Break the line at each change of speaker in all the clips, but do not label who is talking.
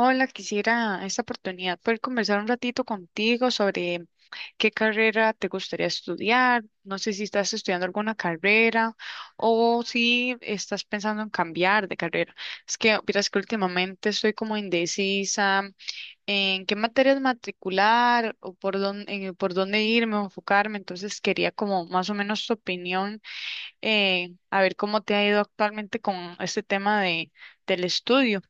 Hola, quisiera esta oportunidad poder conversar un ratito contigo sobre qué carrera te gustaría estudiar. No sé si estás estudiando alguna carrera o si estás pensando en cambiar de carrera. Es que, miras que últimamente estoy como indecisa en qué materias matricular o por dónde irme o enfocarme. Entonces quería como más o menos tu opinión, a ver cómo te ha ido actualmente con este tema de, del estudio.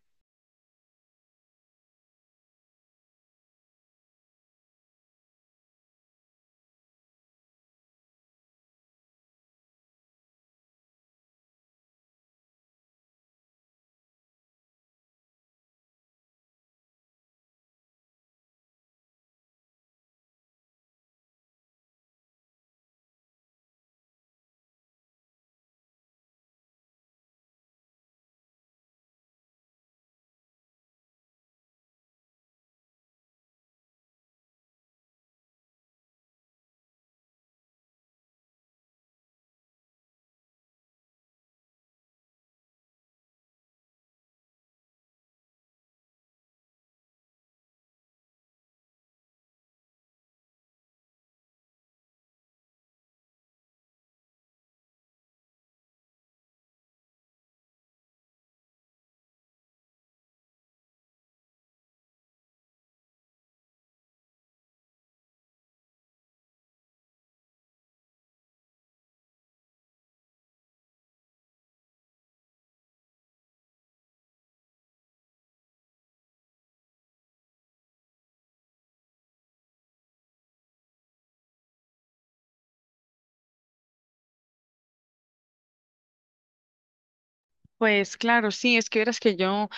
Pues claro, sí, es que verás que yo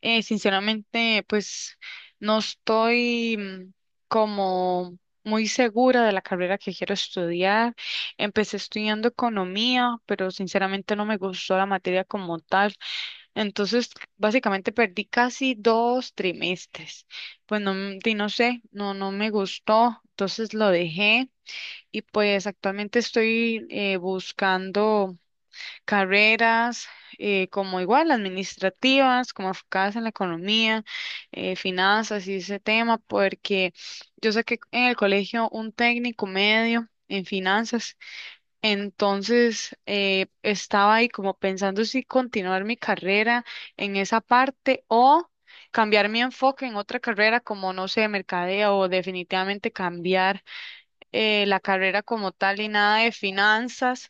sinceramente pues no estoy como muy segura de la carrera que quiero estudiar. Empecé estudiando economía, pero sinceramente no me gustó la materia como tal. Entonces, básicamente perdí casi 2 trimestres. Pues no, di, no sé, no, no me gustó, entonces lo dejé y pues actualmente estoy buscando carreras como igual administrativas, como enfocadas en la economía, finanzas y ese tema, porque yo saqué en el colegio un técnico medio en finanzas, entonces estaba ahí como pensando si continuar mi carrera en esa parte o cambiar mi enfoque en otra carrera como, no sé, mercadeo o definitivamente cambiar la carrera como tal y nada de finanzas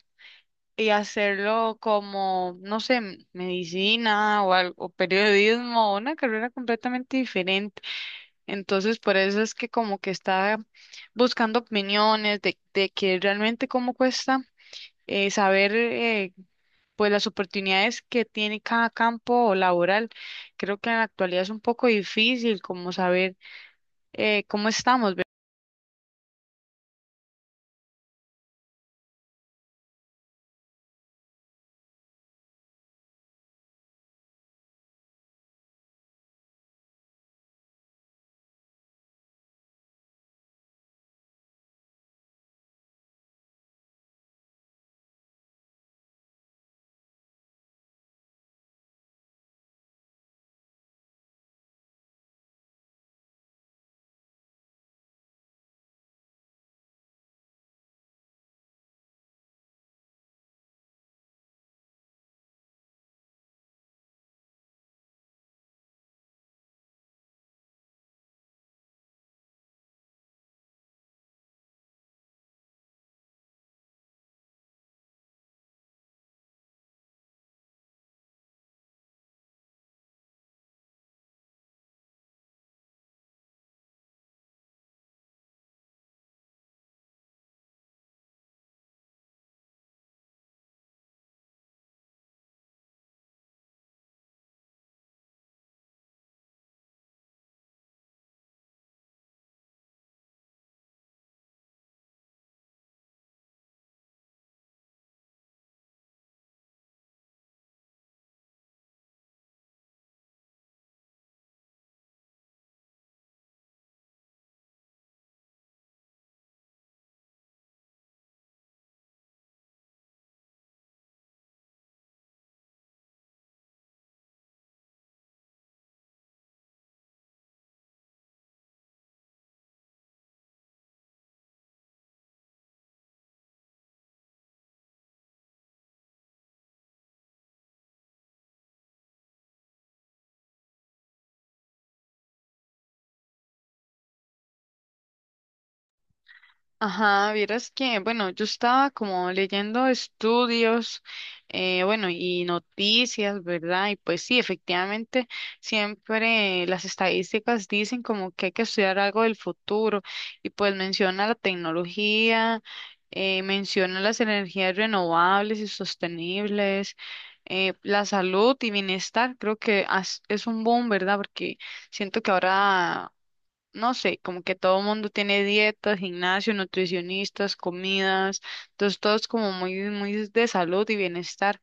y hacerlo como, no sé, medicina o algo, o periodismo, una carrera completamente diferente. Entonces, por eso es que como que está buscando opiniones de que realmente cómo cuesta saber pues las oportunidades que tiene cada campo laboral. Creo que en la actualidad es un poco difícil como saber cómo. Ajá, vieras que, bueno, yo estaba como leyendo estudios, bueno, y noticias, ¿verdad? Y pues sí, efectivamente, siempre las estadísticas dicen como que hay que estudiar algo del futuro y pues menciona la tecnología, menciona las energías renovables y sostenibles, la salud y bienestar, creo que es un boom, ¿verdad? Porque siento que ahora no sé, como que todo el mundo tiene dietas, gimnasio, nutricionistas, comidas, entonces todo es como muy, muy de salud y bienestar.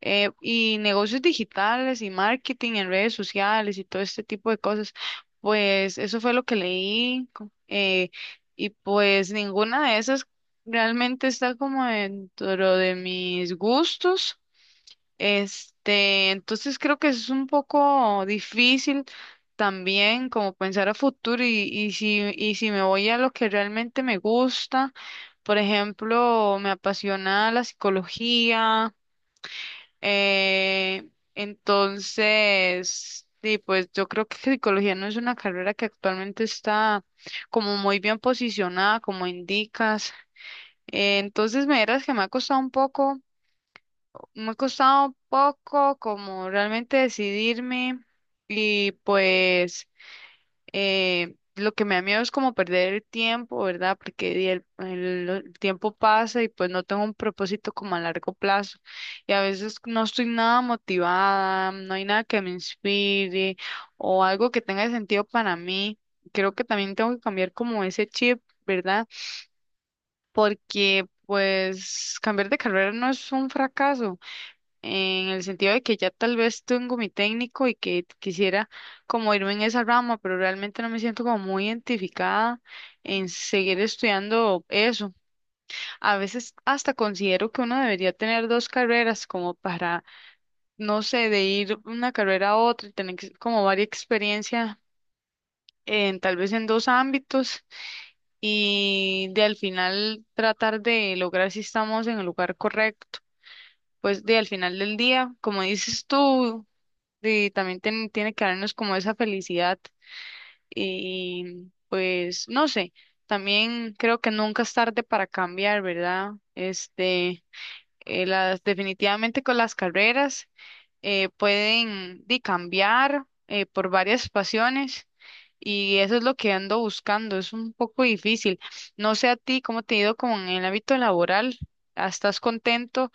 Y negocios digitales y marketing en redes sociales y todo este tipo de cosas, pues eso fue lo que leí y pues ninguna de esas realmente está como dentro de mis gustos. Este, entonces creo que es un poco difícil también como pensar a futuro y si me voy a lo que realmente me gusta, por ejemplo, me apasiona la psicología, eh, entonces, sí, pues yo creo que psicología no es una carrera que actualmente está como muy bien posicionada, como indicas, entonces me verás que me ha costado un poco como realmente decidirme y pues lo que me da miedo es como perder el tiempo, ¿verdad? Porque di el tiempo pasa y pues no tengo un propósito como a largo plazo y a veces no estoy nada motivada, no hay nada que me inspire o algo que tenga sentido para mí. Creo que también tengo que cambiar como ese chip, ¿verdad? Porque pues cambiar de carrera no es un fracaso en el sentido de que ya tal vez tengo mi técnico y que quisiera como irme en esa rama, pero realmente no me siento como muy identificada en seguir estudiando eso. A veces hasta considero que uno debería tener dos carreras como para, no sé, de ir una carrera a otra y tener como varia experiencia. En, tal vez en dos ámbitos y de al final tratar de lograr si estamos en el lugar correcto. Pues de al final del día, como dices tú, y también tiene que darnos como esa felicidad y pues no sé, también creo que nunca es tarde para cambiar, ¿verdad? Este, definitivamente con las carreras pueden cambiar por varias pasiones y eso es lo que ando buscando, es un poco difícil. No sé a ti, ¿cómo te ha ido con el ámbito laboral? Estás contento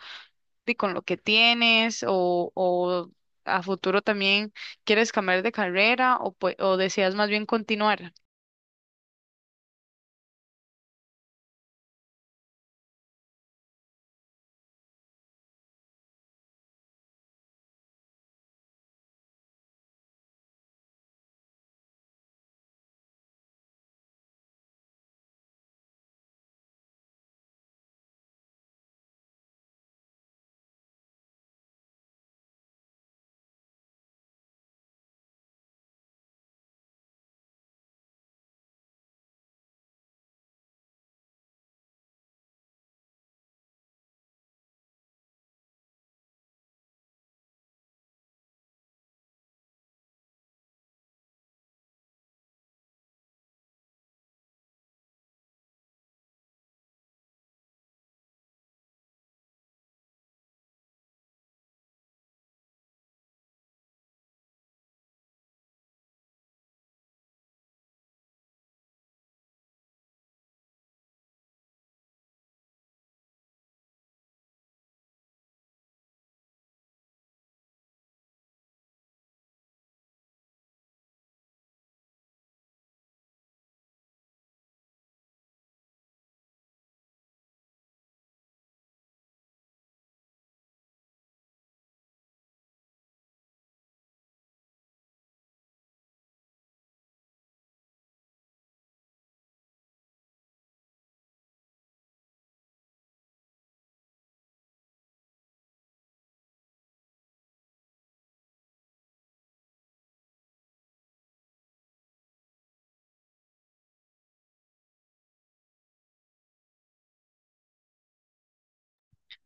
y con lo que tienes o a futuro también quieres cambiar de carrera o, o deseas más bien continuar?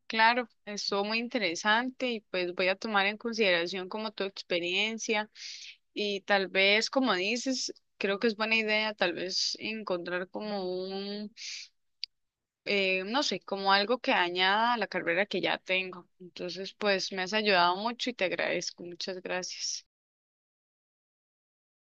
Claro, estuvo muy interesante y pues voy a tomar en consideración como tu experiencia y tal vez, como dices, creo que es buena idea tal vez encontrar como un, no sé, como algo que añada a la carrera que ya tengo. Entonces, pues me has ayudado mucho y te agradezco. Muchas gracias.